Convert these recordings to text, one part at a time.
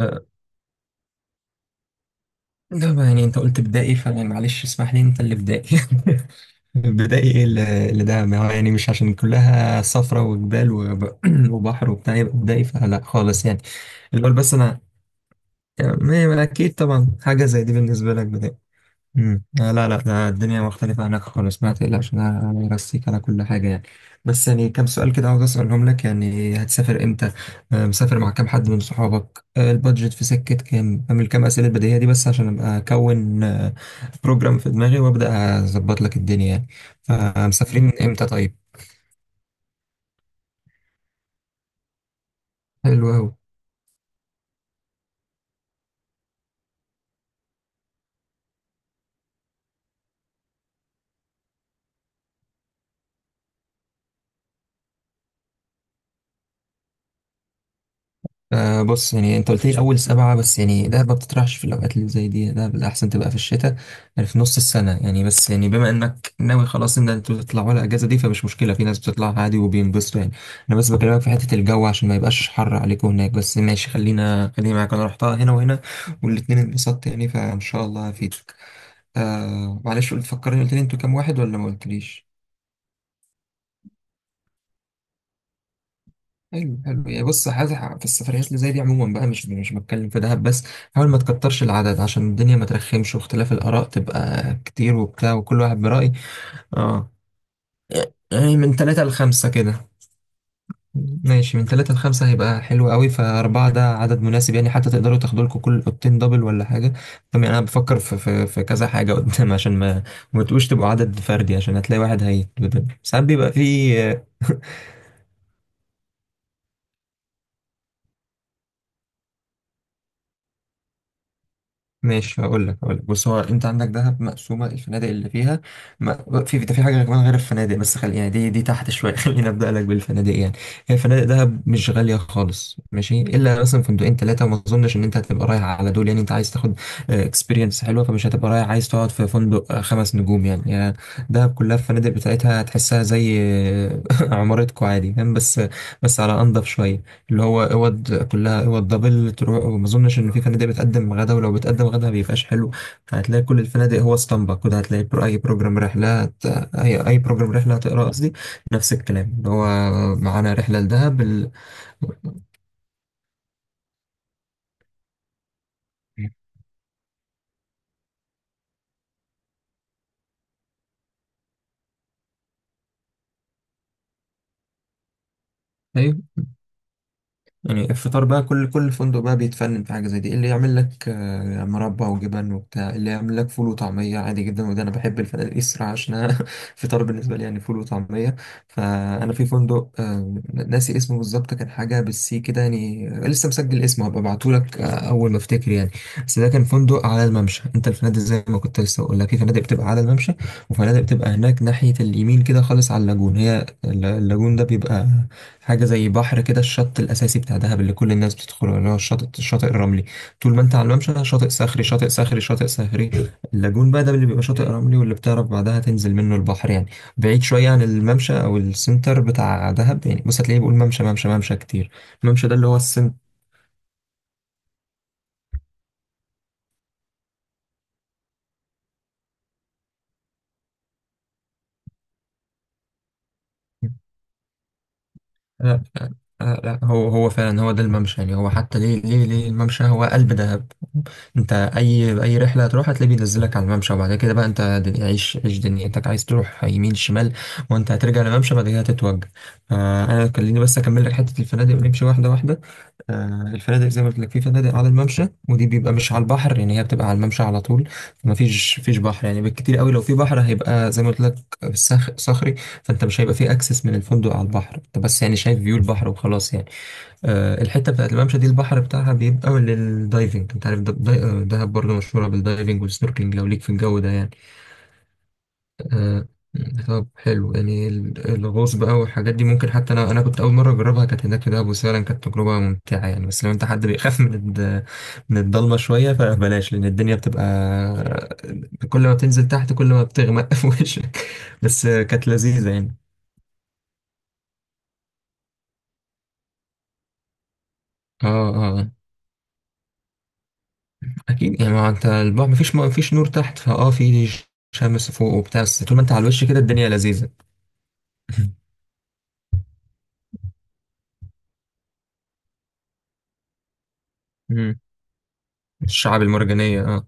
آه، لا ما يعني انت قلت بدائي فيعني معلش اسمح لي انت اللي بدائي بدائي ايه اللي ده، ما هو يعني مش عشان كلها صفرة وجبال وبحر وبتاع يبقى بدائي، فلا خالص يعني. الأول بس انا يعني اكيد طبعا حاجة زي دي بالنسبة لك بدائي. آه لا لا، ده الدنيا مختلفة هناك خالص، ما تقلقش، أنا برسيك على كل حاجة يعني. بس يعني كام سؤال كده عاوز أسألهم لك، يعني هتسافر إمتى؟ مسافر مع كام حد من صحابك؟ البادجت في سكة كام؟ أعمل كام أسئلة بديهية دي بس عشان أبقى أكون بروجرام في دماغي وأبدأ أظبط لك الدنيا يعني. فمسافرين من إمتى طيب؟ حلو أوي. بص يعني انت قلت لي اول 7، بس يعني دهب ما بتطرحش في الاوقات اللي زي دي، دهب الاحسن تبقى في الشتاء يعني في نص السنه يعني، بس يعني بما انك ناوي خلاص ان انتوا تطلعوا على الاجازه دي فمش مشكله، في ناس بتطلع عادي وبينبسطوا يعني. انا بس بكلمك في حته الجو عشان ما يبقاش حر عليكم هناك، بس ماشي خلينا معاك، انا رحتها هنا وهنا والاتنين انبسطت يعني، فان شاء الله هفيدك. معلش قلت فكرني، قلت لي انتوا كام واحد ولا ما قلتليش؟ حلو حلو. يعني بص، حاجة في السفريات اللي زي دي عموما بقى، مش بتكلم في دهب بس، حاول ما تكترش العدد عشان الدنيا ما ترخمش، واختلاف الآراء تبقى كتير وبتاع وكل واحد برأي. اه. يعني من ثلاثة لخمسة كده، ماشي، من ثلاثة لخمسة هيبقى حلو قوي، فأربعة ده عدد مناسب يعني، حتى تقدروا تاخدوا لكم كل أوضتين دبل ولا حاجة. طب يعني أنا بفكر في كذا حاجة قدام عشان ما ما تبقوش تبقوا عدد فردي عشان هتلاقي واحد هيتبدل، ساعات بيبقى فيه. ماشي هقول لك بص، هو انت عندك دهب مقسومه، الفنادق اللي فيها ما في ده، في حاجه كمان غير الفنادق، بس خلي يعني دي تحت شويه خلينا ابدا لك بالفنادق يعني. هي فنادق دهب مش غاليه خالص ماشي، الا مثلا فندقين 3، وما اظنش ان انت هتبقى رايح على دول يعني، انت عايز تاخد اكسبيرينس حلوه، فمش هتبقى رايح عايز تقعد في فندق 5 نجوم يعني دهب كلها الفنادق بتاعتها هتحسها زي عمارتكو عادي فاهم، بس بس على انضف شويه، اللي هو اوض كلها اوض دبل تروح. وما اظنش ان في فنادق بتقدم غدا، ولو بتقدم غدا ما بيبقاش حلو، فهتلاقي كل الفنادق هو اسطمبة كده. هتلاقي بروجرام رحلة اي بروجرام رحلة هتقرا قصدي، نفس الكلام اللي هو معانا رحلة لدهب ال... أيوه. يعني الفطار بقى، كل فندق بقى بيتفنن في حاجة زي دي، اللي يعمل لك مربى وجبن وبتاع، اللي يعمل لك فول وطعمية عادي جدا، وده أنا بحب الفنادق دي الصراحة عشان أنا فطار بالنسبة لي يعني فول وطعمية. فأنا في فندق ناسي اسمه بالظبط، كان حاجة بالسي كده يعني، لسه مسجل اسمه هبقى أبعتهولك أول ما أفتكر يعني. بس ده كان فندق على الممشى. أنت الفنادق زي ما كنت لسه بقول لك، في فنادق بتبقى على الممشى، وفنادق بتبقى هناك ناحية اليمين كده خالص على اللاجون. هي اللاجون ده بيبقى حاجة زي بحر كده، الشط الأساسي بتاع دهب اللي كل الناس بتدخله، اللي هو الشاطئ الرملي. طول ما أنت على الممشى، شاطئ صخري شاطئ صخري. اللاجون بقى ده اللي بيبقى شاطئ رملي، واللي بتعرف بعدها تنزل منه البحر يعني. بعيد شوية عن الممشى أو السنتر بتاع دهب. يعني بص هتلاقيه بيقول ممشى ممشى كتير. الممشى ده اللي هو السنتر. لا لا، هو فعلا هو ده الممشى يعني، هو حتى ليه ليه الممشى؟ هو قلب دهب، انت اي رحله هتروح هتلاقيه بينزلك على الممشى، وبعد كده بقى انت عيش دنيتك، عايز تروح يمين شمال، وانت هترجع للممشى بعد كده هتتوجه. آه انا خليني بس اكمل لك حته الفنادق ونمشي واحده واحده. الفنادق زي ما قلت لك، في فنادق على الممشى ودي بيبقى مش على البحر، يعني هي بتبقى على الممشى على طول، فما فيش بحر يعني. بالكتير قوي لو في بحر هيبقى زي ما قلت لك صخري، فانت مش هيبقى في اكسس من الفندق على البحر، انت بس يعني شايف فيو البحر وخلاص يعني. الحته بتاعت الممشى دي البحر بتاعها بيبقى للدايفنج. انت عارف دهب برضه مشهوره بالدايفنج والسنوركلينج لو ليك في الجو ده يعني. آه، طب حلو يعني، الغوص بقى والحاجات دي ممكن، حتى انا كنت اول مره اجربها كانت هناك في دهب، وفعلا كانت تجربه ممتعه يعني، بس لو انت حد بيخاف من الضلمه شويه فبلاش، لان الدنيا بتبقى كل ما بتنزل تحت كل ما بتغمق في وشك. بس كانت لذيذه يعني. اه. اه اكيد يعني، ما انت البحر مفيش نور تحت، فاه في شمس فوق وبتاع، بس طول ما انت على الوش كده الدنيا لذيذه. مم. الشعب المرجانيه اه.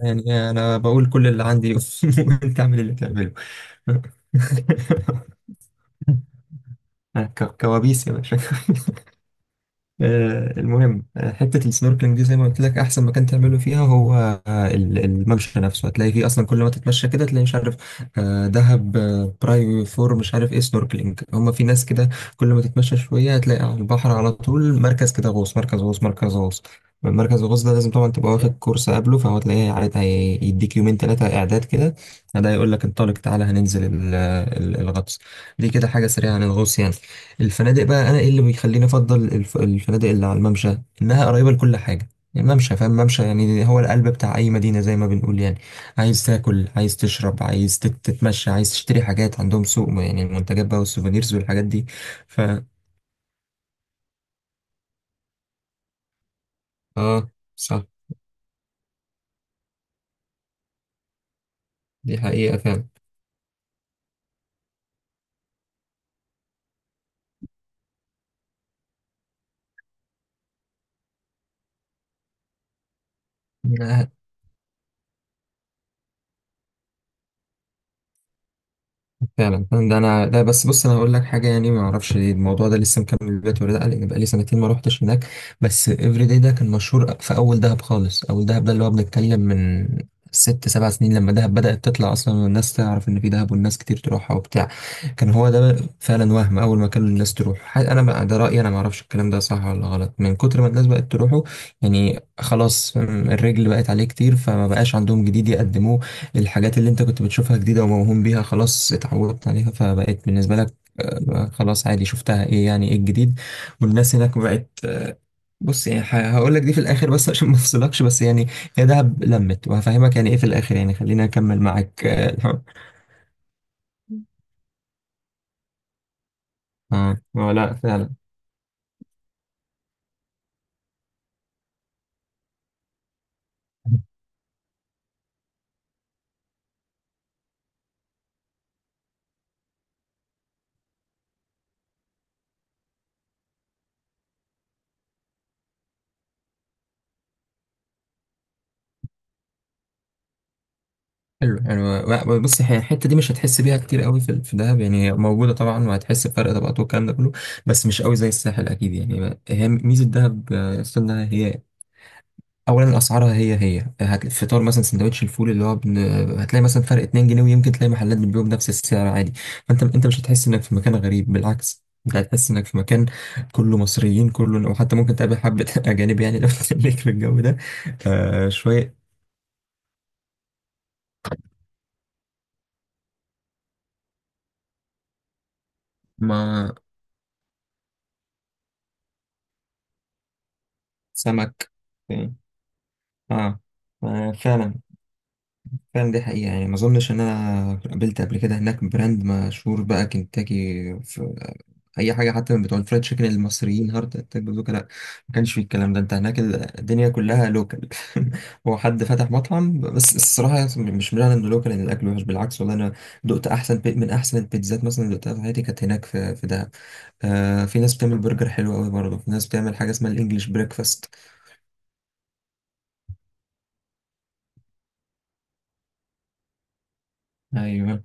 يعني انا بقول كل اللي عندي وانت اعمل اللي تعمله أنا كوابيس يا باشا. المهم، حتة السنوركلينج دي زي ما قلت لك، أحسن مكان تعمله فيها هو الممشى نفسه، هتلاقي فيه أصلا كل ما تتمشى كده تلاقي مش عارف دهب براي فور مش عارف إيه سنوركلينج، هما في ناس كده كل ما تتمشى شوية هتلاقي على البحر على طول مركز كده، غوص مركز غوص. مركز الغوص ده لازم طبعا تبقى واخد كورس قبله، فهو تلاقيه عارف يديك يومين 3 إعداد كده، ده يقول لك انطلق تعالى هننزل الغطس. دي كده حاجة سريعة عن الغوص يعني. الفنادق بقى، انا ايه اللي بيخليني افضل الفنادق اللي على الممشى؟ انها قريبه لكل حاجه يعني. الممشى، فاهم الممشى يعني هو القلب بتاع اي مدينه زي ما بنقول يعني. عايز تاكل، عايز تشرب، عايز تتمشى، عايز تشتري حاجات عندهم سوق يعني، المنتجات بقى والسوفينيرز والحاجات دي. ف اه صح، دي حقيقه. فعلا فعلا، ده انا ده بس بص انا هقول لك حاجه يعني، ما اعرفش ليه الموضوع ده لسه مكمل دلوقتي ولا لا، لان بقالي سنتين ما روحتش هناك، بس افري داي ده كان مشهور في اول دهب خالص. اول دهب ده اللي هو بنتكلم من 6 7 سنين، لما دهب بدأت تطلع اصلا والناس تعرف ان في دهب والناس كتير تروحها وبتاع. كان هو ده فعلا، وهم اول ما كان الناس تروح انا بقى ده رايي انا ما اعرفش الكلام ده صح ولا غلط، من كتر ما الناس بقت تروحه يعني خلاص فاهم، الرجل بقت عليه كتير فما بقاش عندهم جديد يقدموه، الحاجات اللي انت كنت بتشوفها جديدة وموهوم بيها خلاص اتعودت عليها، فبقيت بالنسبة لك خلاص عادي شفتها، ايه يعني ايه الجديد؟ والناس هناك بقت، بص يعني هقول لك دي في الاخر بس عشان ما افصلكش، بس يعني هي دهب لمت، وهفهمك يعني ايه في الاخر يعني، خلينا اكمل معاك اه لا فعلا. حلو حلو بص، هي الحته دي مش هتحس بيها كتير قوي في في دهب يعني، هي موجوده طبعا، وهتحس بفرق طبقات والكلام ده كله، بس مش قوي زي الساحل اكيد يعني. هي ميزه دهب، استنى، هي اولا اسعارها، هي هتلاقي فطار مثلا سندوتش الفول اللي هو هتلاقي مثلا فرق 2 جنيه، ويمكن تلاقي محلات بتبيعه بنفس السعر عادي. فانت مش هتحس انك في مكان غريب، بالعكس انت هتحس انك في مكان كله مصريين كله، وحتى ممكن تقابل حبة اجانب يعني لو تخليك في الجو ده. آه شوية. ما سمك اه. فعلا فعلا دي حقيقة، يعني ما أظنش إن أنا قابلت قبل كده هناك براند مشهور بقى، كنتاكي، في أي حاجة حتى من بتوع الفرايد تشيكن المصريين، هارت أتاك بازوكا، لأ ما كانش فيه الكلام ده. أنت هناك الدنيا كلها لوكال هو حد فتح مطعم، بس الصراحة مش معنى إنه لوكال إن الأكل وحش، بالعكس، والله أنا دقت أحسن من أحسن البيتزات مثلا اللي دقتها في حياتي كانت هناك في في دهب. آه في ناس بتعمل برجر حلو أوي برضه، في ناس بتعمل حاجة اسمها الإنجليش بريكفاست. أيوه.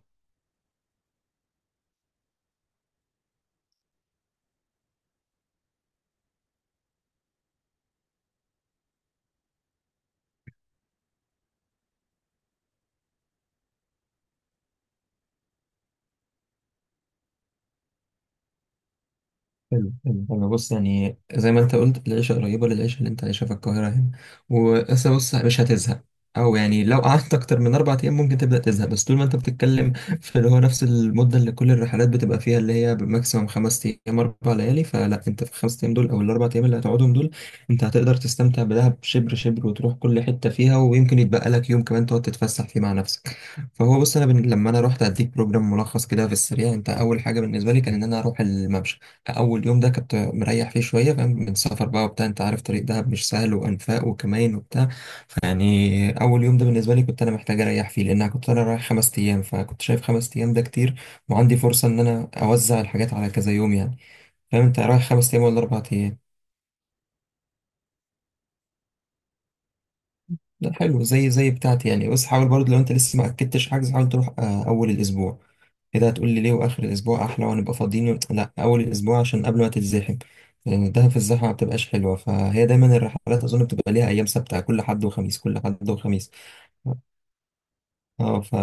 حلو حلو، انا بص يعني زي ما انت قلت العيشه قريبه للعيشه اللي انت عايشها في القاهره هنا، وأصل بص مش هتزهق، او يعني لو قعدت اكتر من 4 ايام ممكن تبدا تزهق، بس طول ما انت بتتكلم في اللي هو نفس المده اللي كل الرحلات بتبقى فيها، اللي هي بماكسيموم 5 ايام 4 ليالي، فلا انت في ال5 ايام دول او ال4 ايام اللي هتقعدهم دول انت هتقدر تستمتع بدهب شبر شبر، وتروح كل حته فيها، ويمكن يتبقى لك يوم كمان تقعد تتفسح فيه مع نفسك. فهو بص انا لما انا رحت اديك بروجرام ملخص كده في السريع، انت اول حاجه بالنسبه لي كان ان انا اروح الممشى. اول يوم ده كنت مريح فيه شويه فاهم، من السفر بقى وبتاع، انت عارف طريق دهب مش سهل، وانفاق وكمين وبتاع، فيعني اول يوم ده بالنسبه لي كنت انا محتاج اريح فيه، لان انا كنت انا رايح 5 ايام، فكنت شايف 5 ايام ده كتير، وعندي فرصه ان انا اوزع الحاجات على كذا يوم يعني. فاهم انت رايح 5 ايام ولا 4 ايام؟ ده حلو زي بتاعتي يعني. بس حاول برضه لو انت لسه ما اكدتش حجز، حاول تروح اول الاسبوع. كده هتقول لي ليه واخر الاسبوع احلى ونبقى فاضيين؟ لا، اول الاسبوع عشان قبل ما تتزحم، لان ده في الزحمه ما بتبقاش حلوه. فهي دايما الرحلات اظن بتبقى ليها ايام ثابته، كل حد وخميس. اه ف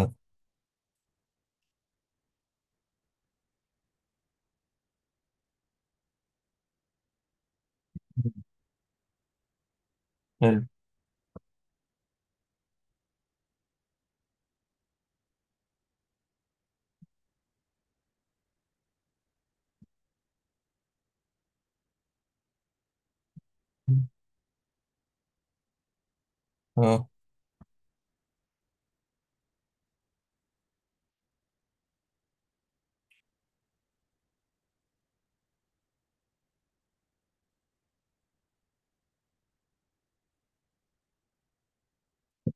حلو. اه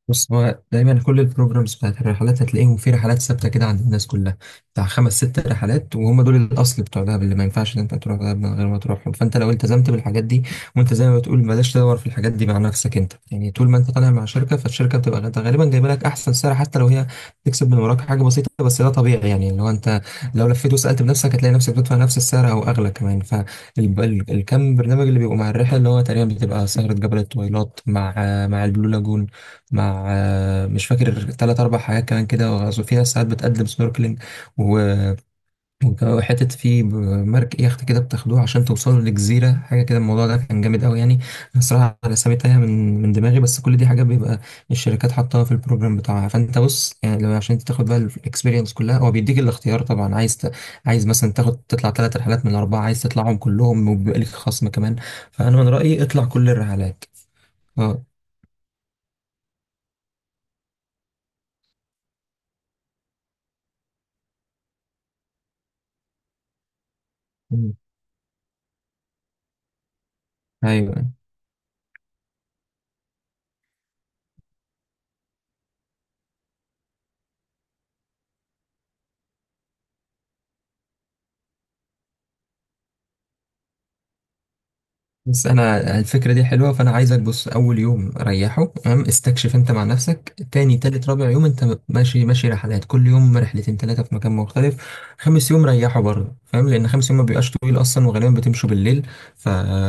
بص، هو دايما كل البروجرامز بتاعت الرحلات هتلاقيهم في رحلات ثابته كده عند الناس كلها، بتاع 5 6 رحلات، وهم دول الاصل بتوع دهب اللي ما ينفعش ان انت تروح دهب من غير ما تروحهم. فانت لو التزمت بالحاجات دي، وانت زي ما بتقول بلاش تدور في الحاجات دي مع نفسك انت يعني، طول ما انت طالع مع شركه فالشركه بتبقى غالبا جايبه لك احسن سعر، حتى لو هي تكسب من وراك حاجه بسيطه بس ده طبيعي يعني. اللي هو انت لو لفيت وسالت بنفسك هتلاقي نفسك بتدفع نفس السعر او اغلى كمان. فالكم برنامج اللي بيبقوا مع الرحله، اللي هو تقريبا بتبقى سهره جبل الطويلات، مع مع البلو لاجون، مع مش فاكر 3 4 حاجات كمان كده، وغزو فيها ساعات بتقدم سنوركلينج، و- وحتة في مركب يخت كده بتاخدوه عشان توصلوا لجزيرة حاجة كده، الموضوع ده كان جامد أوي يعني. أنا صراحة الأسامي تايهة من دماغي، بس كل دي حاجات بيبقى الشركات حاطاها في البروجرام بتاعها. فأنت بص يعني لو عشان تاخد بقى الإكسبيرينس كلها، هو بيديك الاختيار طبعا، عايز عايز مثلا تاخد تطلع 3 رحلات من ال4، عايز تطلعهم كلهم وبيبقى ليك خصم كمان، فأنا من رأيي اطلع كل الرحلات. اه. أمم. أيوه. بس انا الفكره دي حلوه، فانا عايزك بص اول يوم ريحه تمام استكشف انت مع نفسك، تاني تالت رابع يوم انت ماشي رحلات، كل يوم رحلتين تلاته في مكان مختلف، خامس يوم ريحه برضه فاهم، لان خامس يوم ما بيبقاش طويل اصلا وغالبا بتمشوا بالليل. ف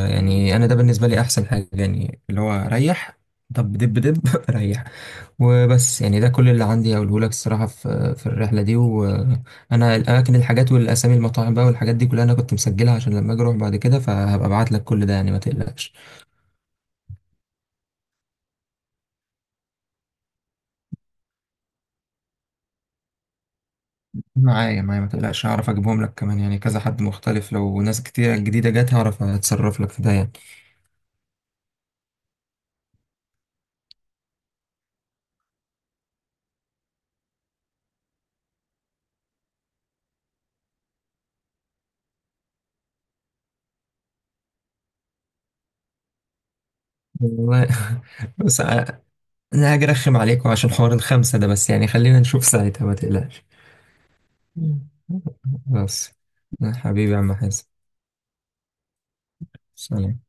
يعني انا ده بالنسبه لي احسن حاجه، يعني اللي هو ريح، دب ريح. وبس يعني ده كل اللي عندي اقوله لك الصراحه في في الرحله دي و... انا الاماكن الحاجات والاسامي المطاعم بقى والحاجات دي كلها انا كنت مسجلها عشان لما اجي اروح بعد كده، فهبقى ابعت لك كل ده يعني ما تقلقش. معايا ما تقلقش، هعرف اجيبهم لك، كمان يعني كذا حد مختلف، لو ناس كتير جديده جت هعرف اتصرف لك في ده يعني. والله بس انا هاجي ارخم عليكم عشان حوار الخمسه ده، بس يعني خلينا نشوف ساعتها ما تقلقش. مم. بس. حبيبي يا عم حازم. سلام.